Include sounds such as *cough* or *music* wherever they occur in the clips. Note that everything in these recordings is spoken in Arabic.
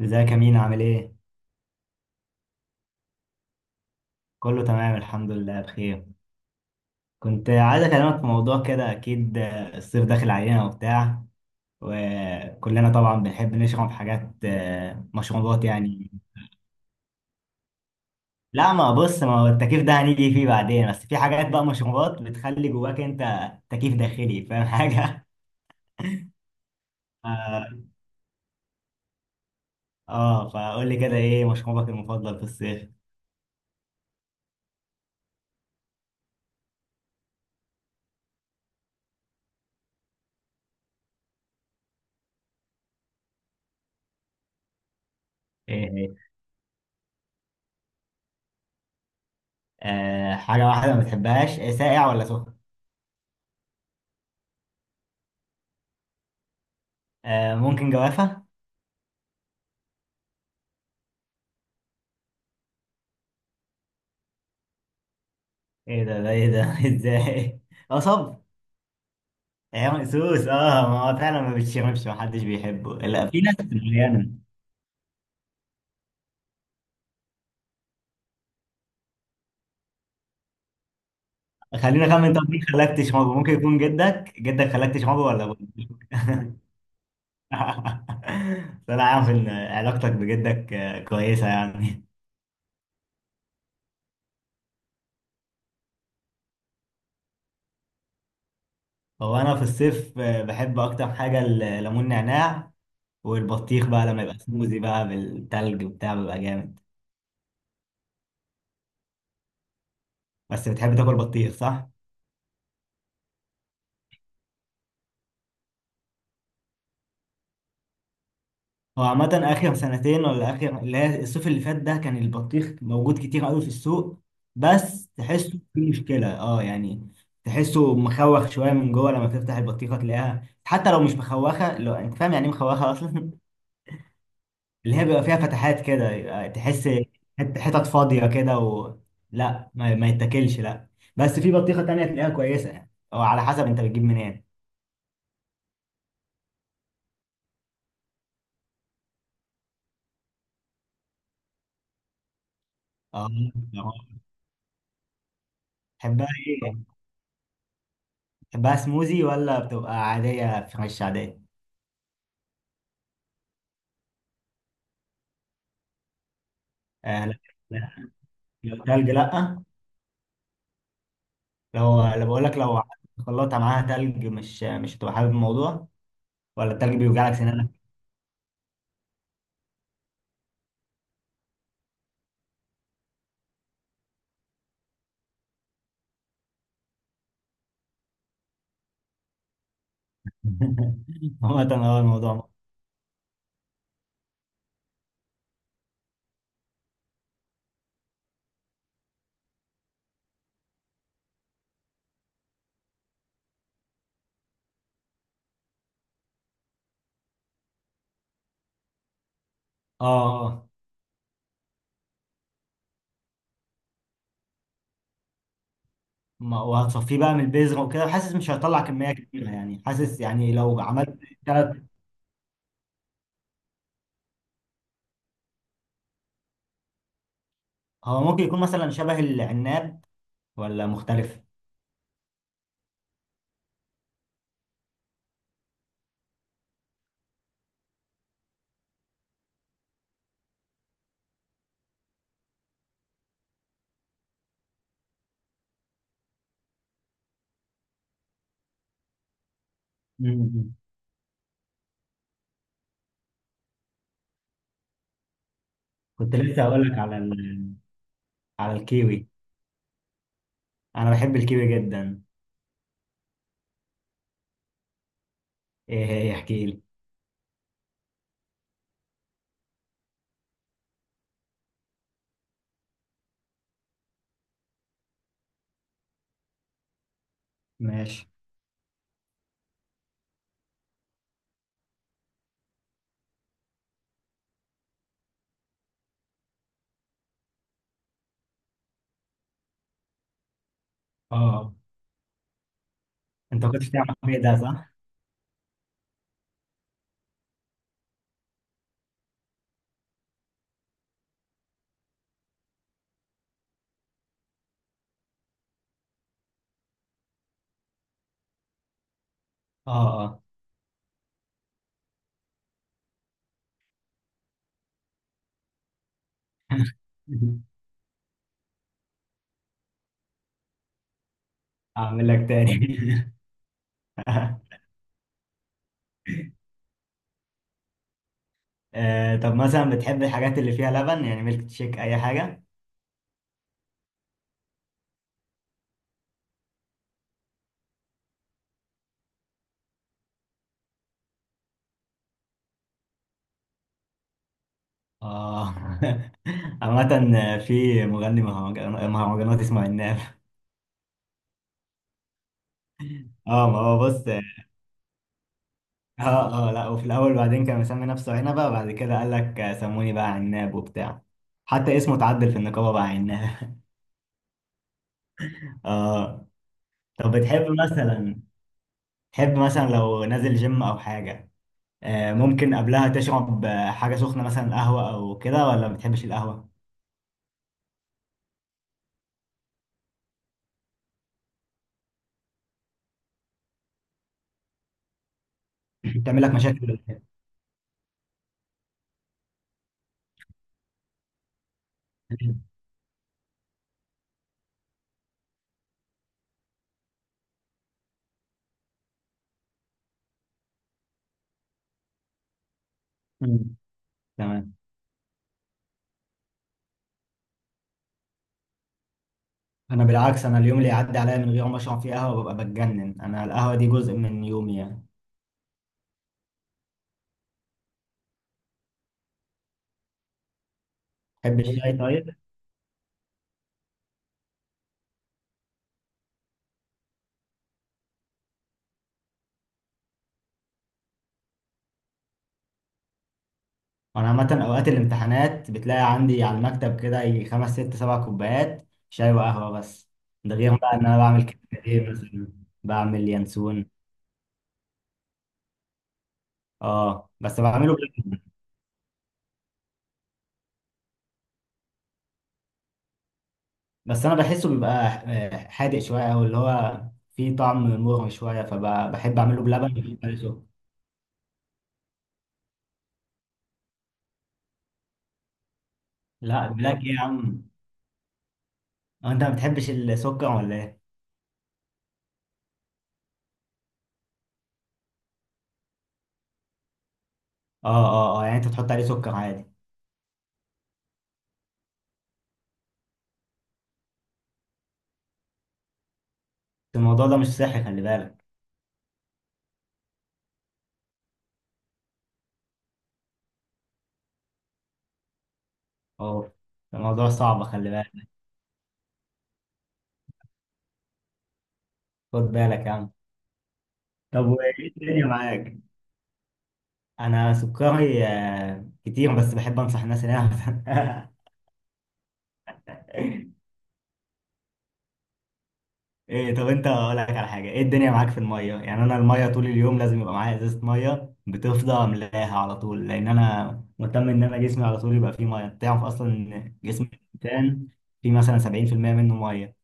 ازيك يا مينا؟ عامل ايه؟ كله تمام، الحمد لله بخير. كنت عايز اكلمك في موضوع كده، اكيد الصيف داخل علينا وبتاع، وكلنا طبعا بنحب نشرب حاجات، مشروبات يعني. لا، ما بص، ما هو التكييف ده هنيجي فيه بعدين، بس في حاجات بقى، مشروبات بتخلي جواك انت تكييف داخلي، فاهم حاجة؟ *laughs* اه. فقول لي كده، ايه مشروبك المفضل في الصيف؟ ايه هي؟ آه، حاجة واحدة ما بتحبهاش. ساقع ولا سخن؟ آه، ممكن جوافة؟ ايه ده؟ ايه ده *laughs* ازاي؟ اه صبر. ايام مقسوس، اه ما هو فعلا ما بتشربش، ما حدش بيحبه، لا في ناس معينه. خلينا اخمن، طب مين خلاك تشربه؟ ممكن يكون جدك خلاك تشربه ولا ابوك؟ *laughs* طلع عارف ان علاقتك بجدك كويسه يعني. هو انا في الصيف بحب اكتر حاجه الليمون نعناع، والبطيخ بقى لما يبقى سموزي بقى بالتلج وبتاع بيبقى جامد. بس بتحب تاكل بطيخ، صح؟ هو عامة آخر سنتين، ولا آخر اللي هي الصيف اللي فات ده، كان البطيخ موجود كتير قوي في السوق، بس تحسه في مشكلة، اه يعني. تحسه مخوخ شوية من جوه، لما تفتح البطيخة تلاقيها، حتى لو مش مخوخة، لو انت فاهم يعني ايه مخوخة أصلا. *laughs* اللي هي بيبقى فيها فتحات كده، يبقى تحس حتت فاضية كده، و لا ما يتاكلش، لا. بس في بطيخة تانية تلاقيها كويسة يعني، أو على حسب انت بتجيب منين. اه، تحبها ايه؟ تحبها سموزي ولا بتبقى عادية فريش عادية؟ آه، لا، لا، لو تلج لا. لو بقول لك، لو خلطها معاها تلج مش هتبقى حابب الموضوع، ولا التلج بيوجع لك سنانك. *laughs* عامة هو الموضوع. اه اه، وهتصفيه بقى من البذرة وكده، وحاسس مش هيطلع كمية كبيرة يعني، حاسس يعني لو عملت تلات. هو ممكن يكون مثلا شبه العناب، ولا مختلف؟ مم. كنت لسه هقول لك على على الكيوي. انا بحب الكيوي جدا. ايه هي؟ احكي لي. ماشي. اه، انت ما كنتش تعمل الكيوي ده، صح؟ اه. آه. *laughs* اعمل لك تاني. *laughs* طب مثلا بتحب الحاجات اللي فيها لبن يعني، ميلك تشيك، اي حاجه؟ اه. *laughs* عامة، في مغني مهرجانات اسمه عناب. اه ما هو بص، اه اه لا، وفي الاول بعدين كان مسمي نفسه عنبه، وبعد كده قال لك سموني بقى عناب وبتاع. حتى اسمه اتعدل في النقابه بقى عناب. *laughs* اه. طب بتحب مثلا، تحب مثلا لو نازل جيم او حاجه، ممكن قبلها تشرب حاجة سخنة مثلا، قهوة أو كده، ولا ما بتحبش القهوة؟ *clears throat* بتعمل لك مشاكل ولا؟ إيه؟ مم. تمام. أنا بالعكس، أنا اليوم اللي يعدي عليا من غير ما أشرب فيه قهوة ببقى بتجنن، أنا القهوة دي جزء من يومي يعني. تحب الشاي طيب؟ أنا عامة أوقات الامتحانات بتلاقي عندي على المكتب كده يجي خمس ست سبع كوبايات شاي وقهوة، بس ده غير بقى إن أنا بعمل كده. إيه مثلا؟ بعمل ينسون. أه بس بعمله بلبن. بس انا بحسه بيبقى حادق شويه، او اللي هو فيه طعم مر شويه، فبحب اعمله بلبن بيبقى له سكر. لا، بلاك ايه يا عم؟ هو انت ما بتحبش السكر ولا ايه؟ اه اه اه، يعني انت بتحط عليه سكر عادي. الموضوع ده مش صحي، خلي بالك. اه الموضوع صعب، خلي بالك. خد بالك يا عم. طب وايه الدنيا معاك؟ انا سكري كتير، بس بحب انصح الناس انها. *laughs* ايه طب، انت اقول لك على حاجه، ايه الدنيا معاك في الميه؟ يعني انا الميه طول اليوم لازم يبقى معايا ازازه ميه، بتفضى املاها على طول، لان انا مهتم ان انا جسمي على طول يبقى فيه ميه. انت تعرف اصلا ان جسم الانسان فيه مثلا 70% منه ميه.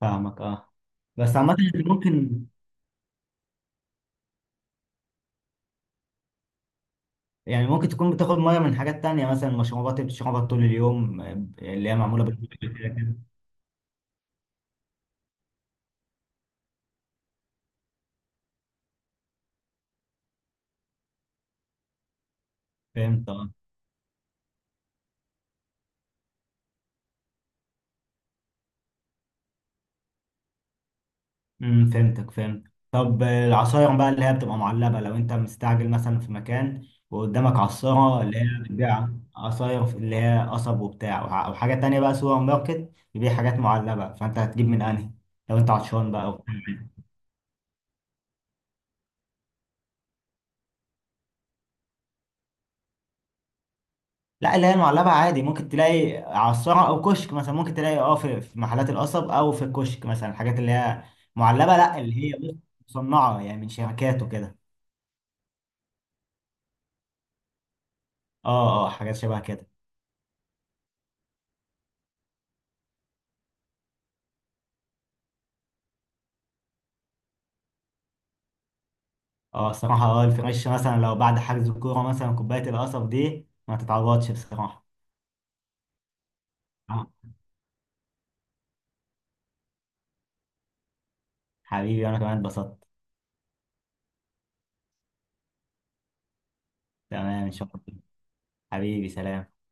فاهمك اه. بس عامه انت ممكن، يعني ممكن تكون بتاخد ميه من حاجات تانية، مثلا مشروبات اللي بتشربها طول اليوم، اللي هي معموله بالميه كده كده. فهمت آه. امم، فهمتك، فهمت. طب العصاير بقى اللي هي بتبقى معلبة، لو انت مستعجل مثلا في مكان وقدامك عصارة اللي هي بتبيع عصاير، اللي هي قصب وبتاع، او حاجة تانية بقى سوبر ماركت بيبيع حاجات معلبة، فانت هتجيب من انهي لو انت عطشان بقى وبتاع؟ لا اللي هي المعلبة عادي، ممكن تلاقي عصارة او كشك مثلا، ممكن تلاقي اه في محلات القصب او في الكشك مثلا الحاجات اللي هي معلبة، لا اللي هي، بص، مصنعة يعني من شركات وكده. اه اه، حاجات شبه كده. اه الصراحة، اه الفريش، مثلا لو بعد حجز الكورة مثلا كوباية القصب دي ما تتعوضش بصراحة. آه، حبيبي أنا كمان اتبسطت. تمام إن شاء الله. حبيبي سلام.